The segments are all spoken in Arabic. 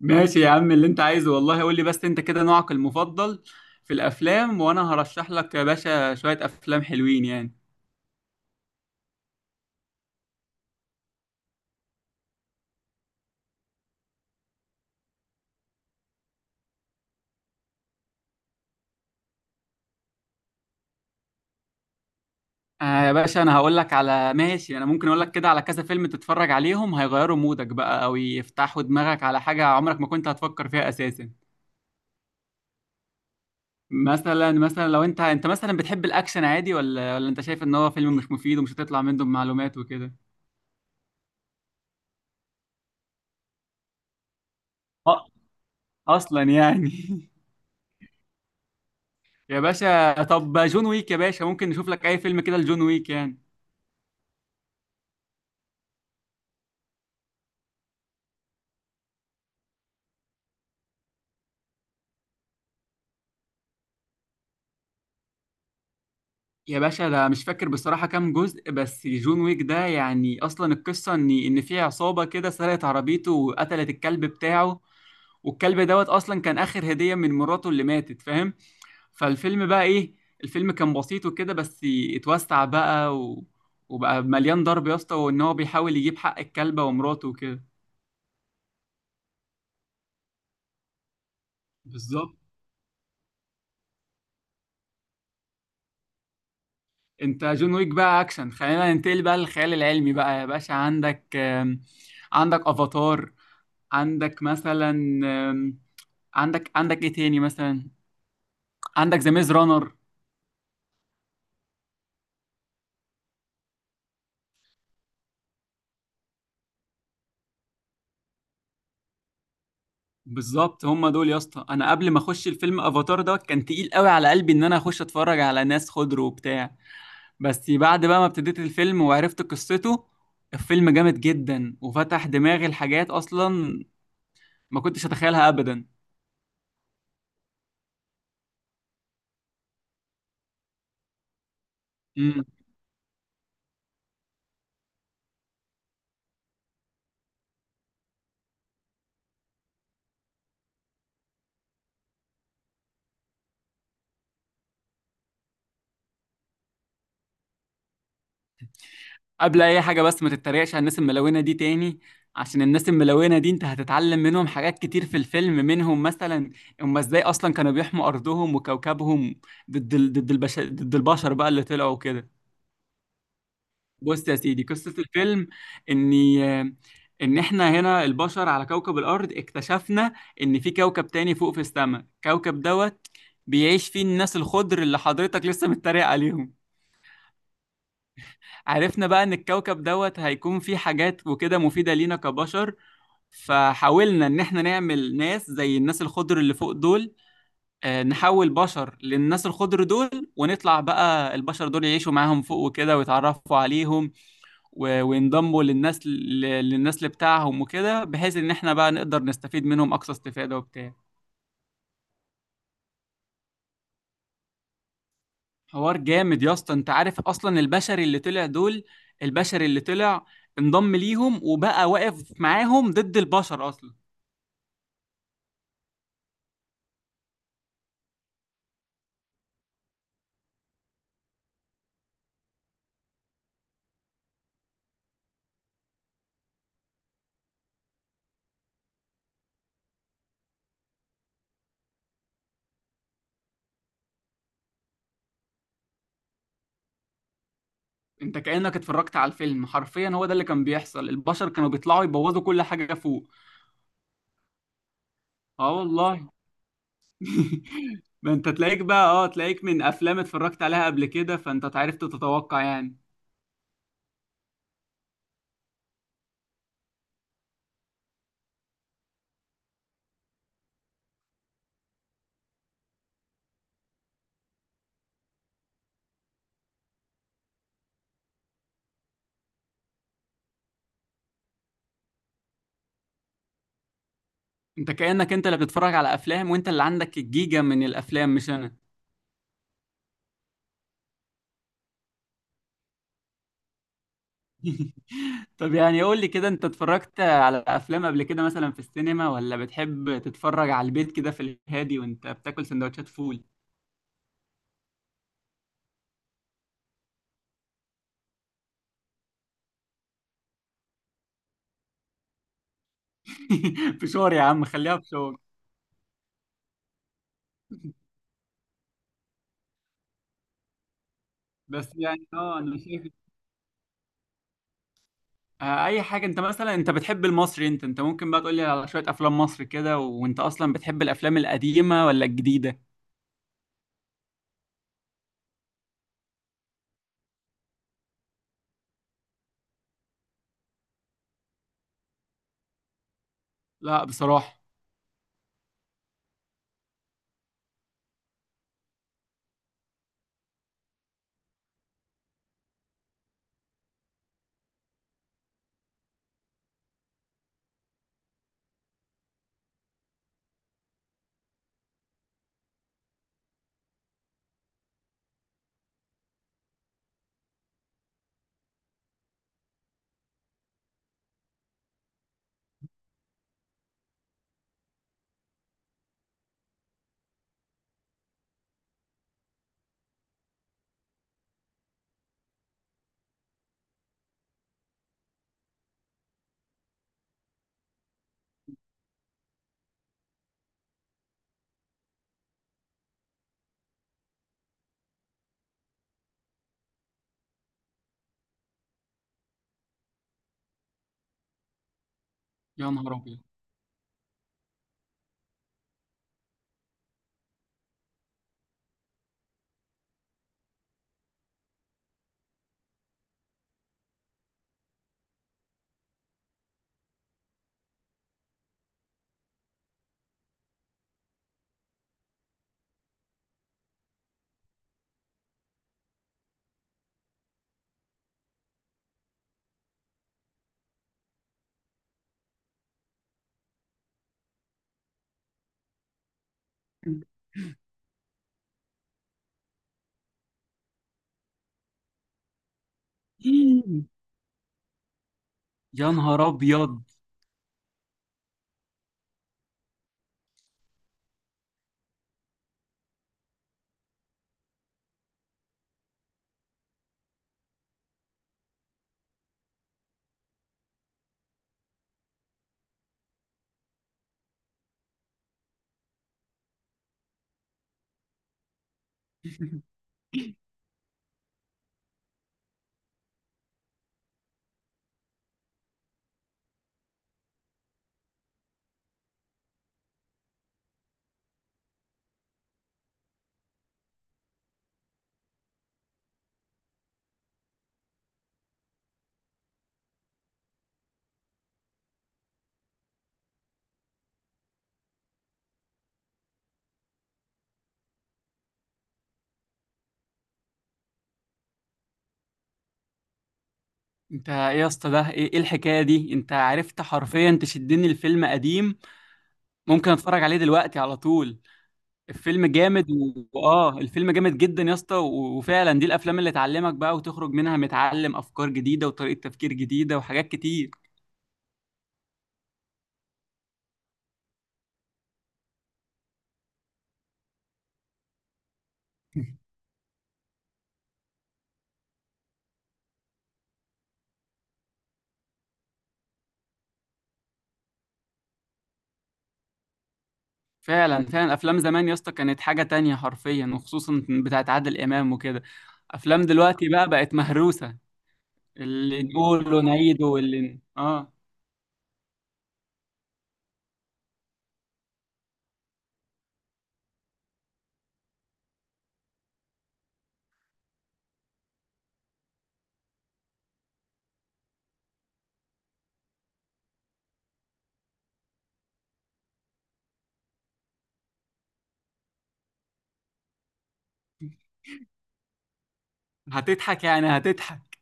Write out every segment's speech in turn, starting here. ماشي يا عم اللي انت عايزه والله قول لي بس انت كده نوعك المفضل في الافلام، وانا هرشح لك يا باشا شوية افلام حلوين يعني. آه يا باشا انا هقول لك على ماشي، انا ممكن اقول لك كده على كذا فيلم تتفرج عليهم هيغيروا مودك بقى او يفتحوا دماغك على حاجة عمرك ما كنت هتفكر فيها اساسا. مثلا لو انت مثلا بتحب الاكشن عادي ولا انت شايف ان هو فيلم مش مفيد ومش هتطلع منه بمعلومات وكده؟ أ- اصلا يعني يا باشا طب جون ويك، يا باشا ممكن نشوف لك اي فيلم كده لجون ويك يعني. يا باشا ده مش فاكر بصراحة كام جزء، بس جون ويك ده يعني أصلا القصة إن في عصابة كده سرقت عربيته وقتلت الكلب بتاعه، والكلب دوت أصلا كان آخر هدية من مراته اللي ماتت، فاهم؟ فالفيلم بقى إيه؟ الفيلم كان بسيط وكده، بس اتوسع بقى وبقى مليان ضرب يا اسطى، وإن هو بيحاول يجيب حق الكلبة ومراته وكده. بالظبط. أنت جون ويك بقى أكشن، خلينا ننتقل بقى للخيال العلمي بقى يا باشا. عندك عندك أفاتار، عندك مثلا، آم، عندك ايه تاني مثلا، عندك ذا ميز رانر. بالظبط هم دول يا اسطى. انا قبل ما اخش الفيلم افاتار ده كان تقيل قوي على قلبي ان انا اخش اتفرج على ناس خضر وبتاع، بس بعد بقى ما ابتديت الفيلم وعرفت قصته، الفيلم جامد جدا وفتح دماغي لحاجات اصلا ما كنتش اتخيلها ابدا. قبل اي حاجه بس، ما تتريقش على الناس الملونه دي تاني، عشان الناس الملونه دي انت هتتعلم منهم حاجات كتير في الفيلم. منهم مثلا هم ازاي اصلا كانوا بيحموا ارضهم وكوكبهم ضد ضد البشر بقى اللي طلعوا كده. بص يا سيدي، قصه الفيلم اني ان احنا هنا البشر على كوكب الارض اكتشفنا ان في كوكب تاني فوق في السماء، كوكب دوت بيعيش فيه الناس الخضر اللي حضرتك لسه متريق عليهم. عرفنا بقى ان الكوكب دوت هيكون فيه حاجات وكده مفيدة لينا كبشر، فحاولنا ان احنا نعمل ناس زي الناس الخضر اللي فوق دول. نحول بشر للناس الخضر دول ونطلع بقى البشر دول يعيشوا معاهم فوق وكده ويتعرفوا عليهم وينضموا للناس للنسل بتاعهم وكده، بحيث ان احنا بقى نقدر نستفيد منهم اقصى استفادة وبتاع. حوار جامد يا اسطى. انت عارف اصلا البشر اللي طلع دول، البشر اللي طلع انضم ليهم وبقى واقف معاهم ضد البشر اصلا. انت كأنك اتفرجت على الفيلم حرفيا، هو ده اللي كان بيحصل، البشر كانوا بيطلعوا يبوظوا كل حاجة فوق. اه والله. ما انت تلاقيك بقى، اه تلاقيك من افلام اتفرجت عليها قبل كده، فانت عرفت تتوقع يعني. انت كأنك انت اللي بتتفرج على افلام، وانت اللي عندك الجيجا من الافلام مش انا. طب يعني قول لي كده، انت اتفرجت على افلام قبل كده مثلا في السينما، ولا بتحب تتفرج على البيت كده في الهادي وانت بتاكل سندوتشات فول؟ فشار يا عم، خليها فشار. بس يعني اه انا شايف، اي حاجه. انت مثلا انت بتحب المصري؟ انت ممكن بقى تقول لي على شويه افلام مصر كده. وانت اصلا بتحب الافلام القديمه ولا الجديده؟ لا بصراحه. يا نهار ابيض. يا نهار ابيض. انت ايه يا اسطى، ده ايه إيه الحكايه دي؟ انت عرفت حرفيا تشدني، الفيلم قديم ممكن اتفرج عليه دلوقتي على طول. الفيلم جامد واه، الفيلم جامد جدا يا اسطى، وفعلا دي الافلام اللي تعلمك بقى وتخرج منها متعلم افكار جديده وطريقه تفكير جديده وحاجات كتير. فعلا فعلا افلام زمان يا اسطى كانت حاجه تانية حرفيا، وخصوصا بتاعت عادل امام وكده. افلام دلوقتي بقى بقت مهروسه، اللي نقوله نعيده واللي اه، هتضحك يعني هتضحك،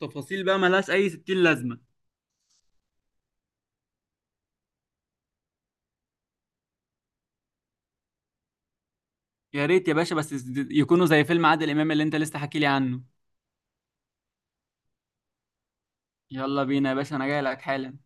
تفاصيل بقى ملهاش اي ستين لازمه. يا ريت يا باشا، بس يكونوا زي فيلم عادل امام اللي انت لسه حكي لي عنه. يلا بينا يا باشا، انا جاي لك حالا.